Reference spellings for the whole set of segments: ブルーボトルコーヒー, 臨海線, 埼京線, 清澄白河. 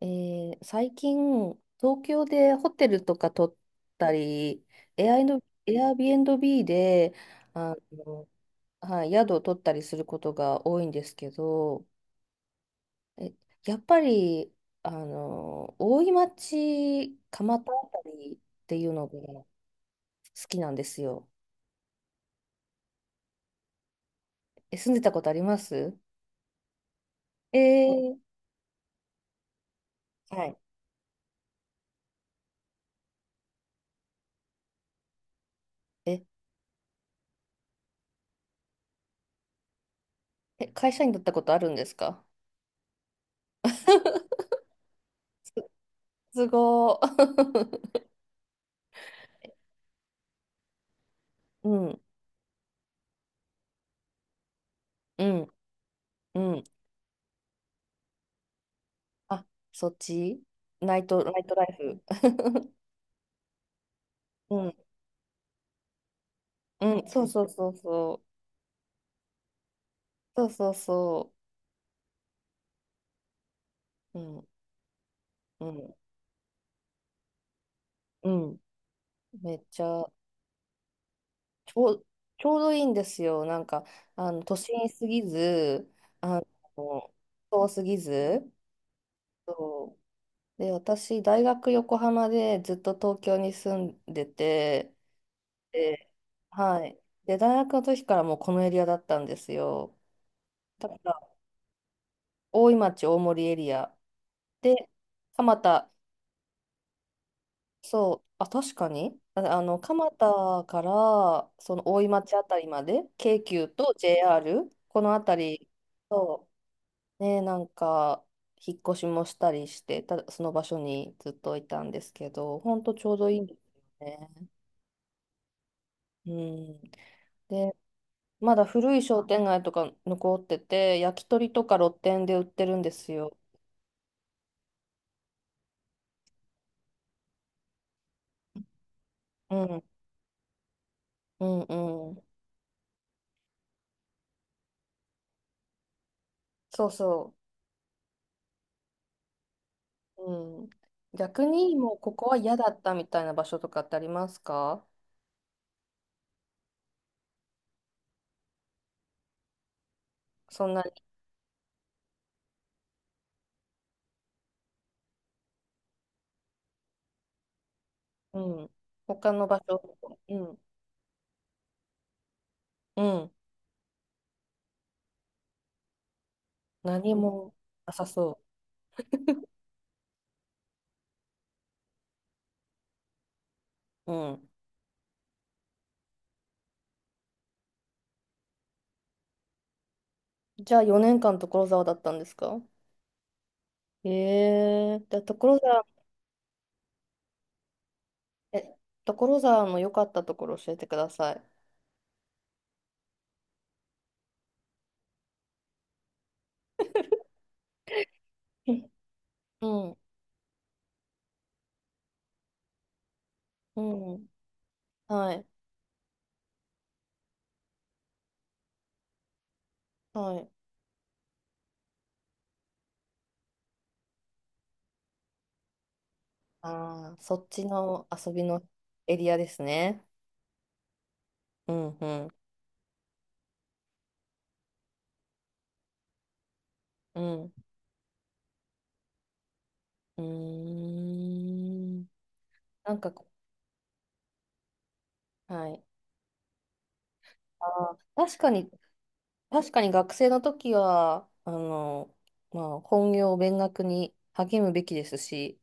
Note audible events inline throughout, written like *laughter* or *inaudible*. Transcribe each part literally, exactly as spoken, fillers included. えー最近、東京でホテルとか取ったり、エアイの、エアビーンビーで、あの、はい、宿を取ったりすることが多いんですけど、え、やっぱり、あの、大井町、蒲田あたりっていうのが好きなんですよ。え、住んでたことあります？えーはい。え、え、会社員だったことあるんですか？ *laughs* すごー。*laughs* うん、うん、うん。あ、そっちナイト、ナイトライフ。*laughs* うん、うん、そうそうそうそう。そうそうそう。うん、うん、うん。めっちゃ、ちょう、ちょうどいいんですよ。なんか、あの、都心すぎず、あの、遠すぎず。そう。で、私、大学横浜でずっと東京に住んでて、で、はい。で、大学の時からもうこのエリアだったんですよ。だから、大井町、大森エリア。で、蒲田、そう、あ、確かに、ああの、蒲田から、その大井町あたりまで、京急と ジェーアール、このあたり、そう、ね、なんか、引っ越しもしたりして、た、その場所にずっといたんですけど、ほんとちょうどいいんですよね。うん。で、まだ古い商店街とか残ってて、焼き鳥とか露店で売ってるんですよ。うん、うん、うん。そうそう。うん。逆にもうここは嫌だったみたいな場所とかってありますか？そんなに、うん。他の場所とか、うん。うん。何もなさそう。うん。じゃあよねんかん所沢だったんですか？ええー、じゃあ所沢、え、所沢の良かったところ教えてください。*laughs* うん。うん。うん、はい。はい。ああ、そっちの遊びのエリアですね。うんうん。うん。うーん。なんか、はい。あー、確かに、確かに学生の時は、あの、まあ、本業、勉学に励むべきですし、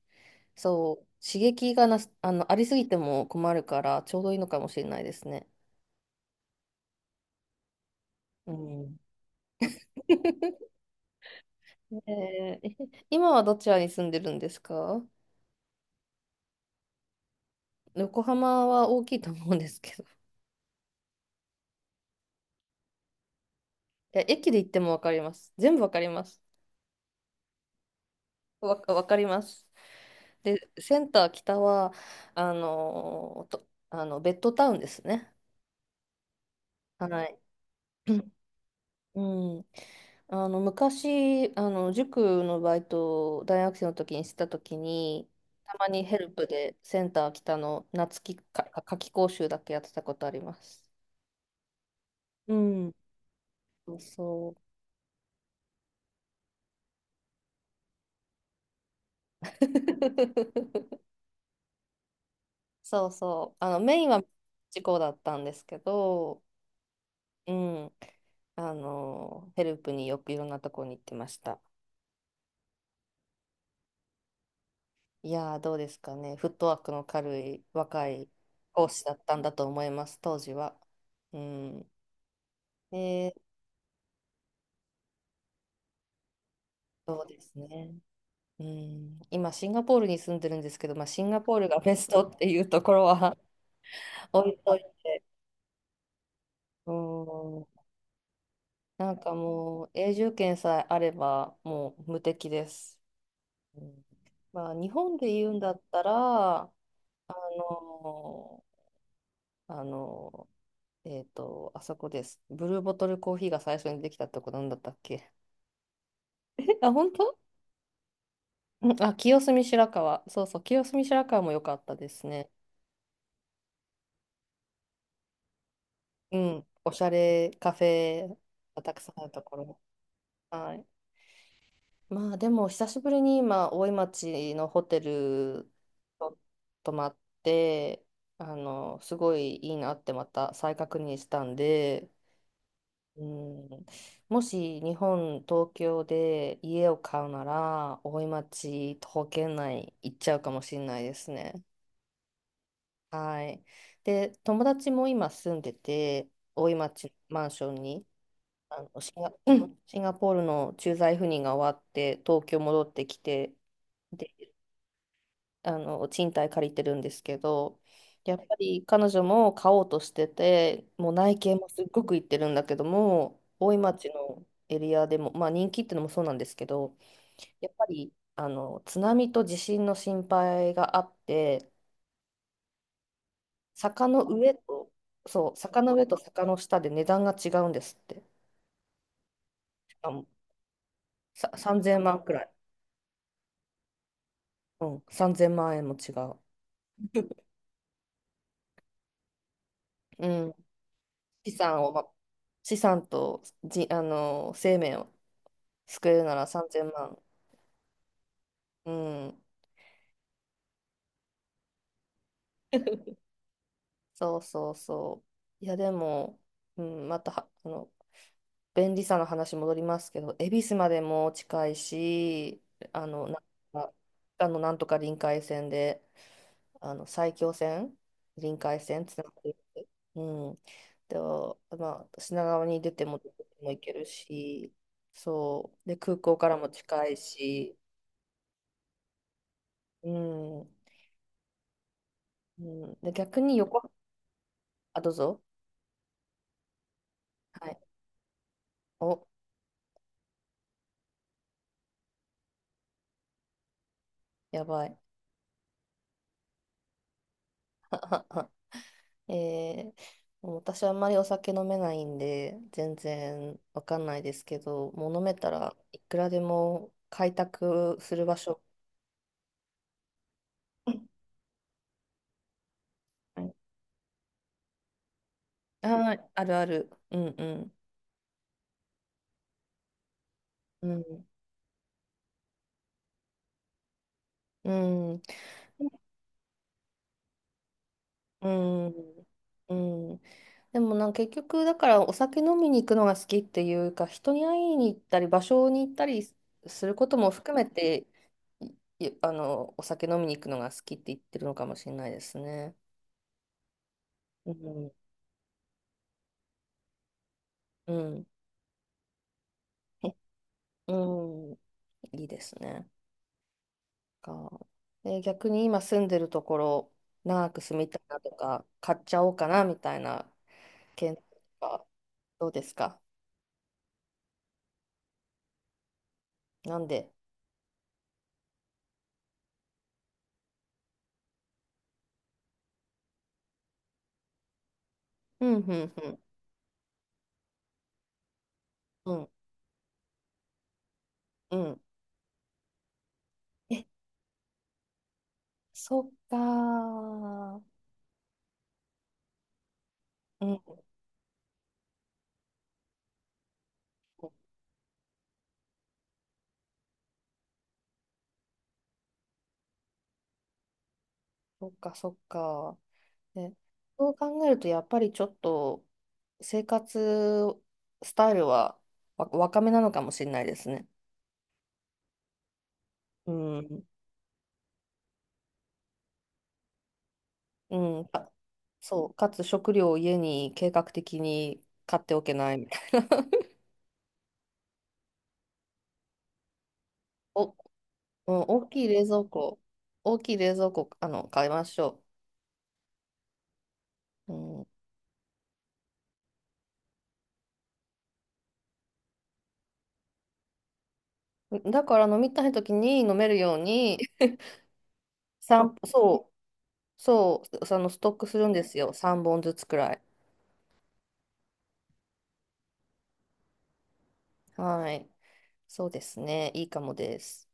そう、刺激がなす、あの、ありすぎても困るから、ちょうどいいのかもしれないですね。うん。*laughs* えー、今はどちらに住んでるんですか？横浜は大きいと思うんですけど。いや、駅で行ってもわかります。全部わかります。わか、わかります。で、センター北は、あのと、あの、ベッドタウンですね。はい。*clears throat* うん。あの、昔、あの、塾のバイトを大学生の時にしてた時に、たまにヘルプでセンター北の夏期かか夏期講習だけやってたことあります。うん。そうそう。*laughs* そうそう。あの、メインは事故だったんですけど、うん。あの、ヘルプによくいろんなとこに行ってました。いやー、どうですかね。フットワークの軽い若い講師だったんだと思います、当時は。うん。で、そうですね。うん、今、シンガポールに住んでるんですけど、まあ、シンガポールがベストっていうところは *laughs* 置いといて、うん、なんかもう、永住権さえあれば、もう無敵です。うん、まあ、日本で言うんだったら、あの、あのえっと、あそこです。ブルーボトルコーヒーが最初にできたとこなんだったっけ？ *laughs* え、あ、本当？うん、あ、清澄白河。そうそう、清澄白河も良かったですね。うん、おしゃれカフェがたくさんあるところ。はい。まあでも、久しぶりに今、大井町のホテルと泊まって、あの、すごいいいなってまた再確認したんで、うん、もし日本、東京で家を買うなら、大井町、徒歩圏内行っちゃうかもしれないですね。はい。で、友達も今住んでて、大井町マンションに、あのシンガ、*clears throat* シンガポールの駐在赴任が終わって、東京戻ってきて、であの賃貸借りてるんですけど、やっぱり彼女も買おうとしてて、もう内見もすっごく行ってるんだけども、大井町のエリアでも、まあ、人気ってのもそうなんですけど、やっぱりあの津波と地震の心配があって、坂の上と、そう、坂の上と坂の下で値段が違うんですって。しかもささんぜんまんくらい。うん、さんぜんまん円も違う。*laughs* うん、資産を、ま、資産とじ、あの生命を作れるならさんぜんまん。うん。そうそうそう。いや、でも、うん、または、あの、便利さの話戻りますけど、恵比寿までも近いし、あの、なんか、あの、なんとか臨海線で、あの、埼京線、臨海線つながってる。うん。で、まあ、品川に出ても、どこでも行けるし、そう。で、空港からも近いし、うん。うん、で、逆に横、あ、どうぞ。はい。お、やばい。*laughs* えー、もう私あんまりお酒飲めないんで、全然わかんないですけど、もう飲めたらいくらでも開拓する場所。うん、はい、あー、あるある。うんうん。うん。うん。うん、うん。でもなんか結局だからお酒飲みに行くのが好きっていうか人に会いに行ったり場所に行ったりすることも含めていい、あのお酒飲みに行くのが好きって言ってるのかもしれないですね。うん、うん、うん、いいですね。か、えー逆に今住んでるところ長く住みたいなとか買っちゃおうかなみたいな検討とかどうですか？なんで？うんうんうんうんうん、そっかー。うん、そっかそっか。ね、そう考えると、やっぱりちょっと生活スタイルはわ若めなのかもしれないですね。うん、うん、かそう、かつ食料を家に計画的に買っておけないみたいな。お、うん、大きい冷蔵庫、大きい冷蔵庫、あの、買いましょう。うん、だから飲みたい時に飲めるように、*laughs* 散歩、そうそう、そのストックするんですよ。さんぼんずつくらい。はい。そうですね。いいかもです。